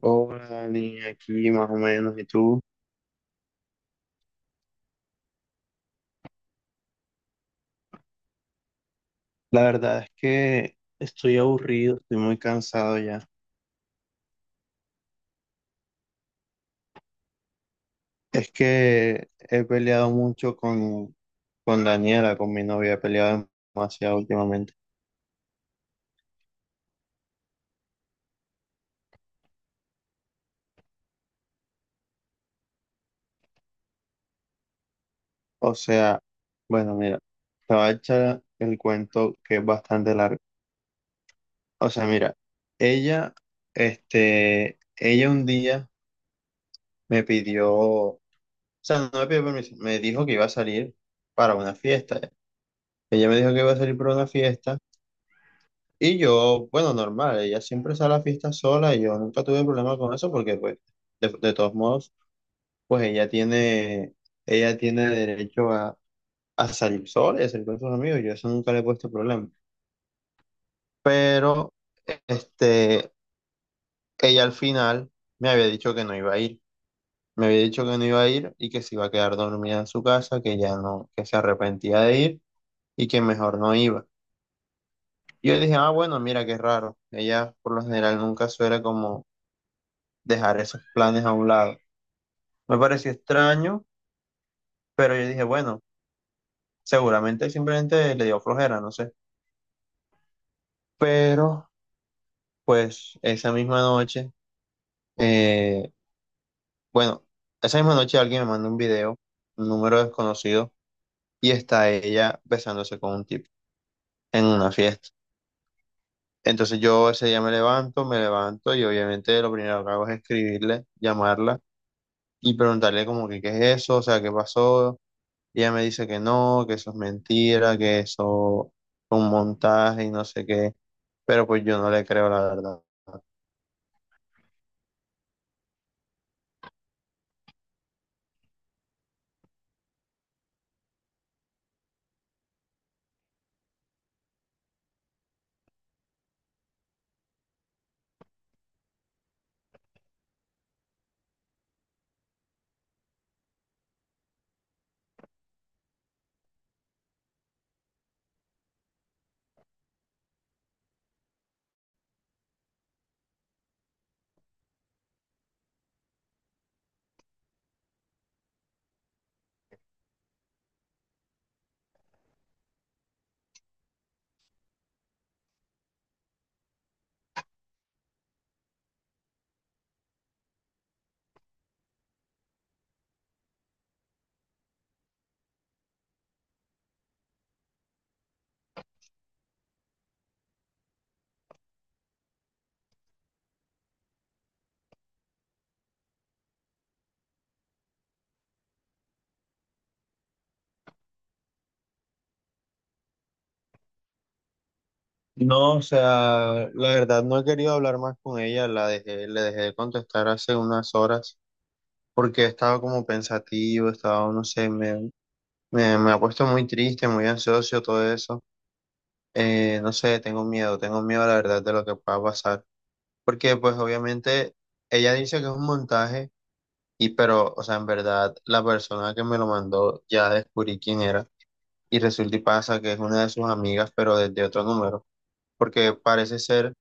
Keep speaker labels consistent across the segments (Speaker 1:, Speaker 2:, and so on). Speaker 1: Hola, Dani, aquí más o menos, ¿y tú? La verdad es que estoy aburrido, estoy muy cansado ya. Es que he peleado mucho con Daniela, con mi novia, he peleado demasiado últimamente. O sea, bueno, mira, te voy a echar el cuento que es bastante largo. O sea, mira, ella, ella un día me pidió, o sea, no me pidió permiso, me dijo que iba a salir para una fiesta. Ella me dijo que iba a salir para una fiesta. Y yo, bueno, normal, ella siempre sale a la fiesta sola y yo nunca tuve problema con eso porque, pues, de todos modos, pues ella tiene derecho a salir sola y a salir con sus amigos, yo eso nunca le he puesto problema. Pero, este, ella al final me había dicho que no iba a ir, me había dicho que no iba a ir y que se iba a quedar dormida en su casa, que ya no, que se arrepentía de ir y que mejor no iba. Y yo dije, ah, bueno, mira qué raro, ella por lo general nunca suele como dejar esos planes a un lado. Me pareció extraño, pero yo dije, bueno, seguramente simplemente le dio flojera, no sé. Pero, pues, eh, bueno, esa misma noche alguien me manda un video, un número desconocido, y está ella besándose con un tipo en una fiesta. Entonces yo ese día me levanto y obviamente lo primero que hago es escribirle, llamarla y preguntarle como que qué es eso, o sea, qué pasó. Y ella me dice que no, que eso es mentira, que eso fue un montaje y no sé qué, pero pues yo no le creo la verdad. No, o sea, la verdad no he querido hablar más con ella, la dejé, le dejé de contestar hace unas horas porque estaba como pensativo, estaba, no sé, me ha puesto muy triste, muy ansioso, todo eso. No sé, tengo miedo la verdad de lo que pueda pasar, porque pues obviamente ella dice que es un montaje. Y pero, o sea, en verdad, la persona que me lo mandó ya descubrí quién era y resulta y pasa que es una de sus amigas, pero desde otro número, porque parece ser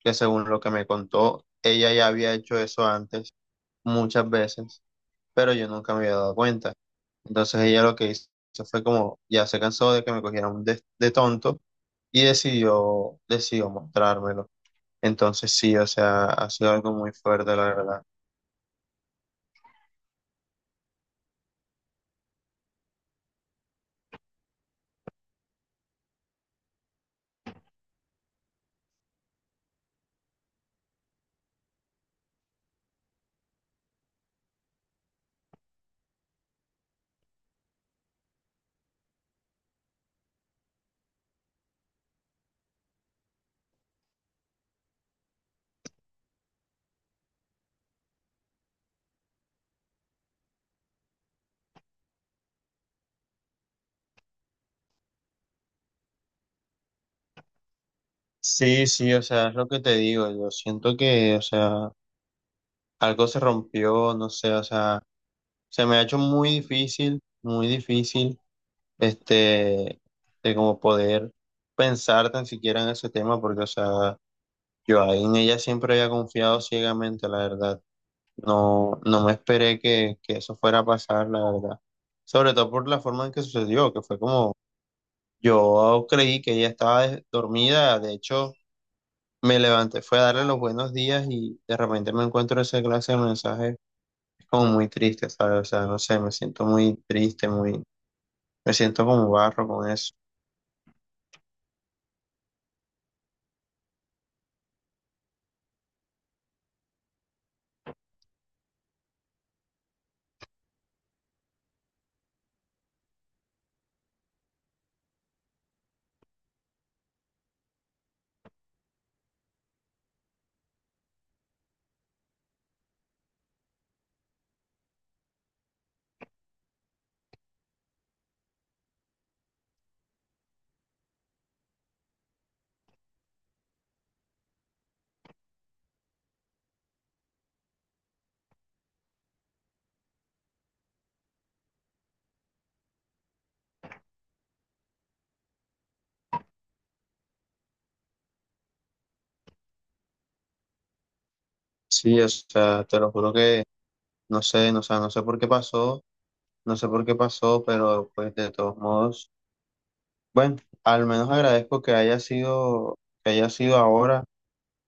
Speaker 1: que, según lo que me contó, ella ya había hecho eso antes muchas veces, pero yo nunca me había dado cuenta. Entonces ella lo que hizo fue como, ya se cansó de que me cogieran de, tonto y decidió mostrármelo. Entonces sí, o sea, ha sido algo muy fuerte, la verdad. Sí, sí, o sea, es lo que te digo, yo siento que, o sea, algo se rompió, no sé, o sea, se me ha hecho muy difícil, este, de como poder pensar tan siquiera en ese tema, porque, o sea, yo ahí en ella siempre había confiado ciegamente, la verdad, no, no me esperé que eso fuera a pasar, la verdad, sobre todo por la forma en que sucedió, que fue como, yo creí que ella estaba dormida, de hecho. Me levanté, fue a darle los buenos días y de repente me encuentro esa clase de mensajes. Es como muy triste, ¿sabes? O sea, no sé, me siento muy triste, me siento como barro con eso. Sí, o sea, te lo juro que no sé, no, o sea, no sé por qué pasó, no sé por qué pasó, pero pues de todos modos, bueno, al menos agradezco que haya sido, ahora,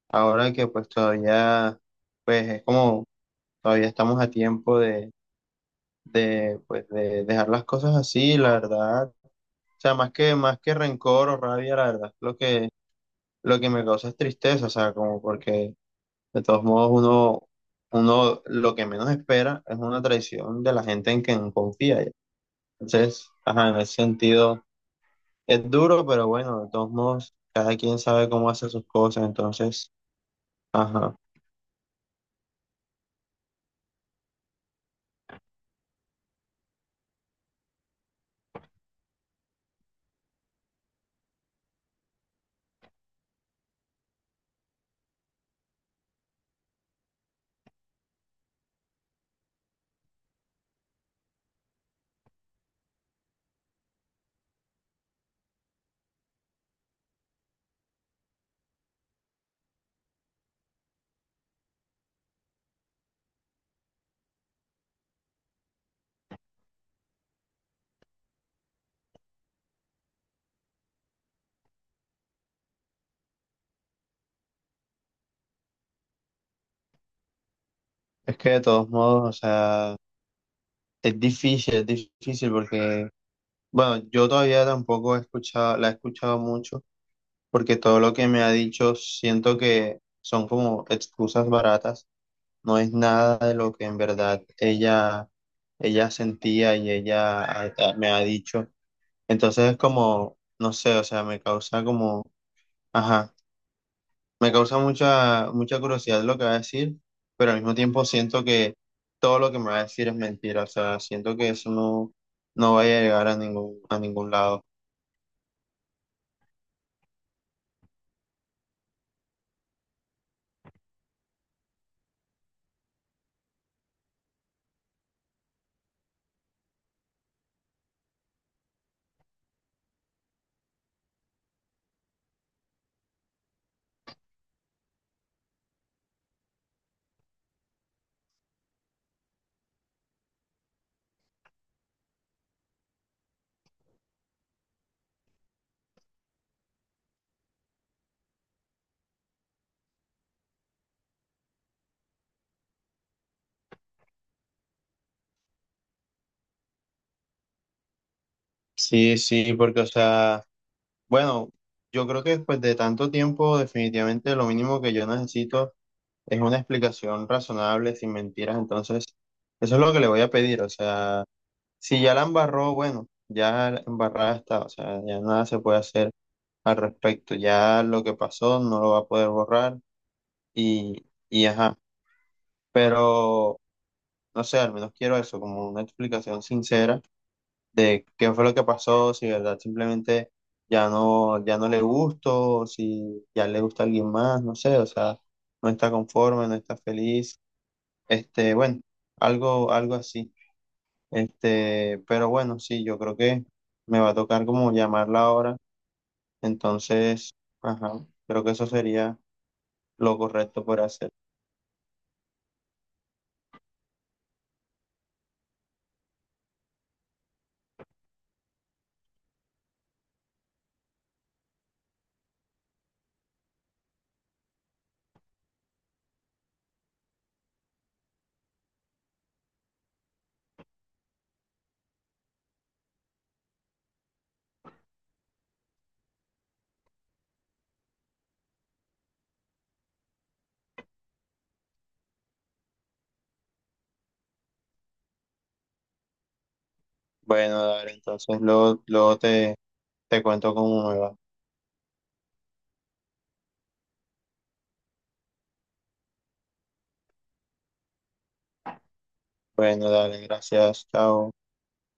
Speaker 1: ahora que pues todavía, pues es como, todavía estamos a tiempo pues de dejar las cosas así, la verdad. O sea, más que rencor o rabia, la verdad, lo que me causa es tristeza, o sea, como porque de todos modos uno lo que menos espera es una traición de la gente en quien confía. Ya. Entonces, ajá, en ese sentido es duro, pero bueno, de todos modos, cada quien sabe cómo hace sus cosas, entonces, ajá, es que de todos modos, o sea, es difícil porque, bueno, yo todavía tampoco he escuchado, la he escuchado mucho porque todo lo que me ha dicho siento que son como excusas baratas, no es nada de lo que en verdad ella sentía y ella me ha dicho. Entonces es como, no sé, o sea, me causa como, ajá, me causa mucha, mucha curiosidad lo que va a decir, pero al mismo tiempo siento que todo lo que me va a decir es mentira, o sea, siento que eso no vaya a llegar a ningún lado. Sí, sí, porque, o sea, bueno, yo creo que después de tanto tiempo, definitivamente lo mínimo que yo necesito es una explicación razonable, sin mentiras. Entonces, eso es lo que le voy a pedir. O sea, si ya la embarró, bueno, ya la embarrada está. O sea, ya nada se puede hacer al respecto. Ya lo que pasó no lo va a poder borrar y, ajá. Pero, no sé, al menos quiero eso, como una explicación sincera de qué fue lo que pasó, si de verdad simplemente ya no, ya no le gustó, si ya le gusta alguien más, no sé, o sea, no está conforme, no está feliz, bueno, algo, algo así, pero bueno, sí, yo creo que me va a tocar como llamarla ahora, entonces, ajá, creo que eso sería lo correcto por hacer. Bueno, dale, entonces luego, luego te cuento cómo me va. Bueno, dale, gracias, chao.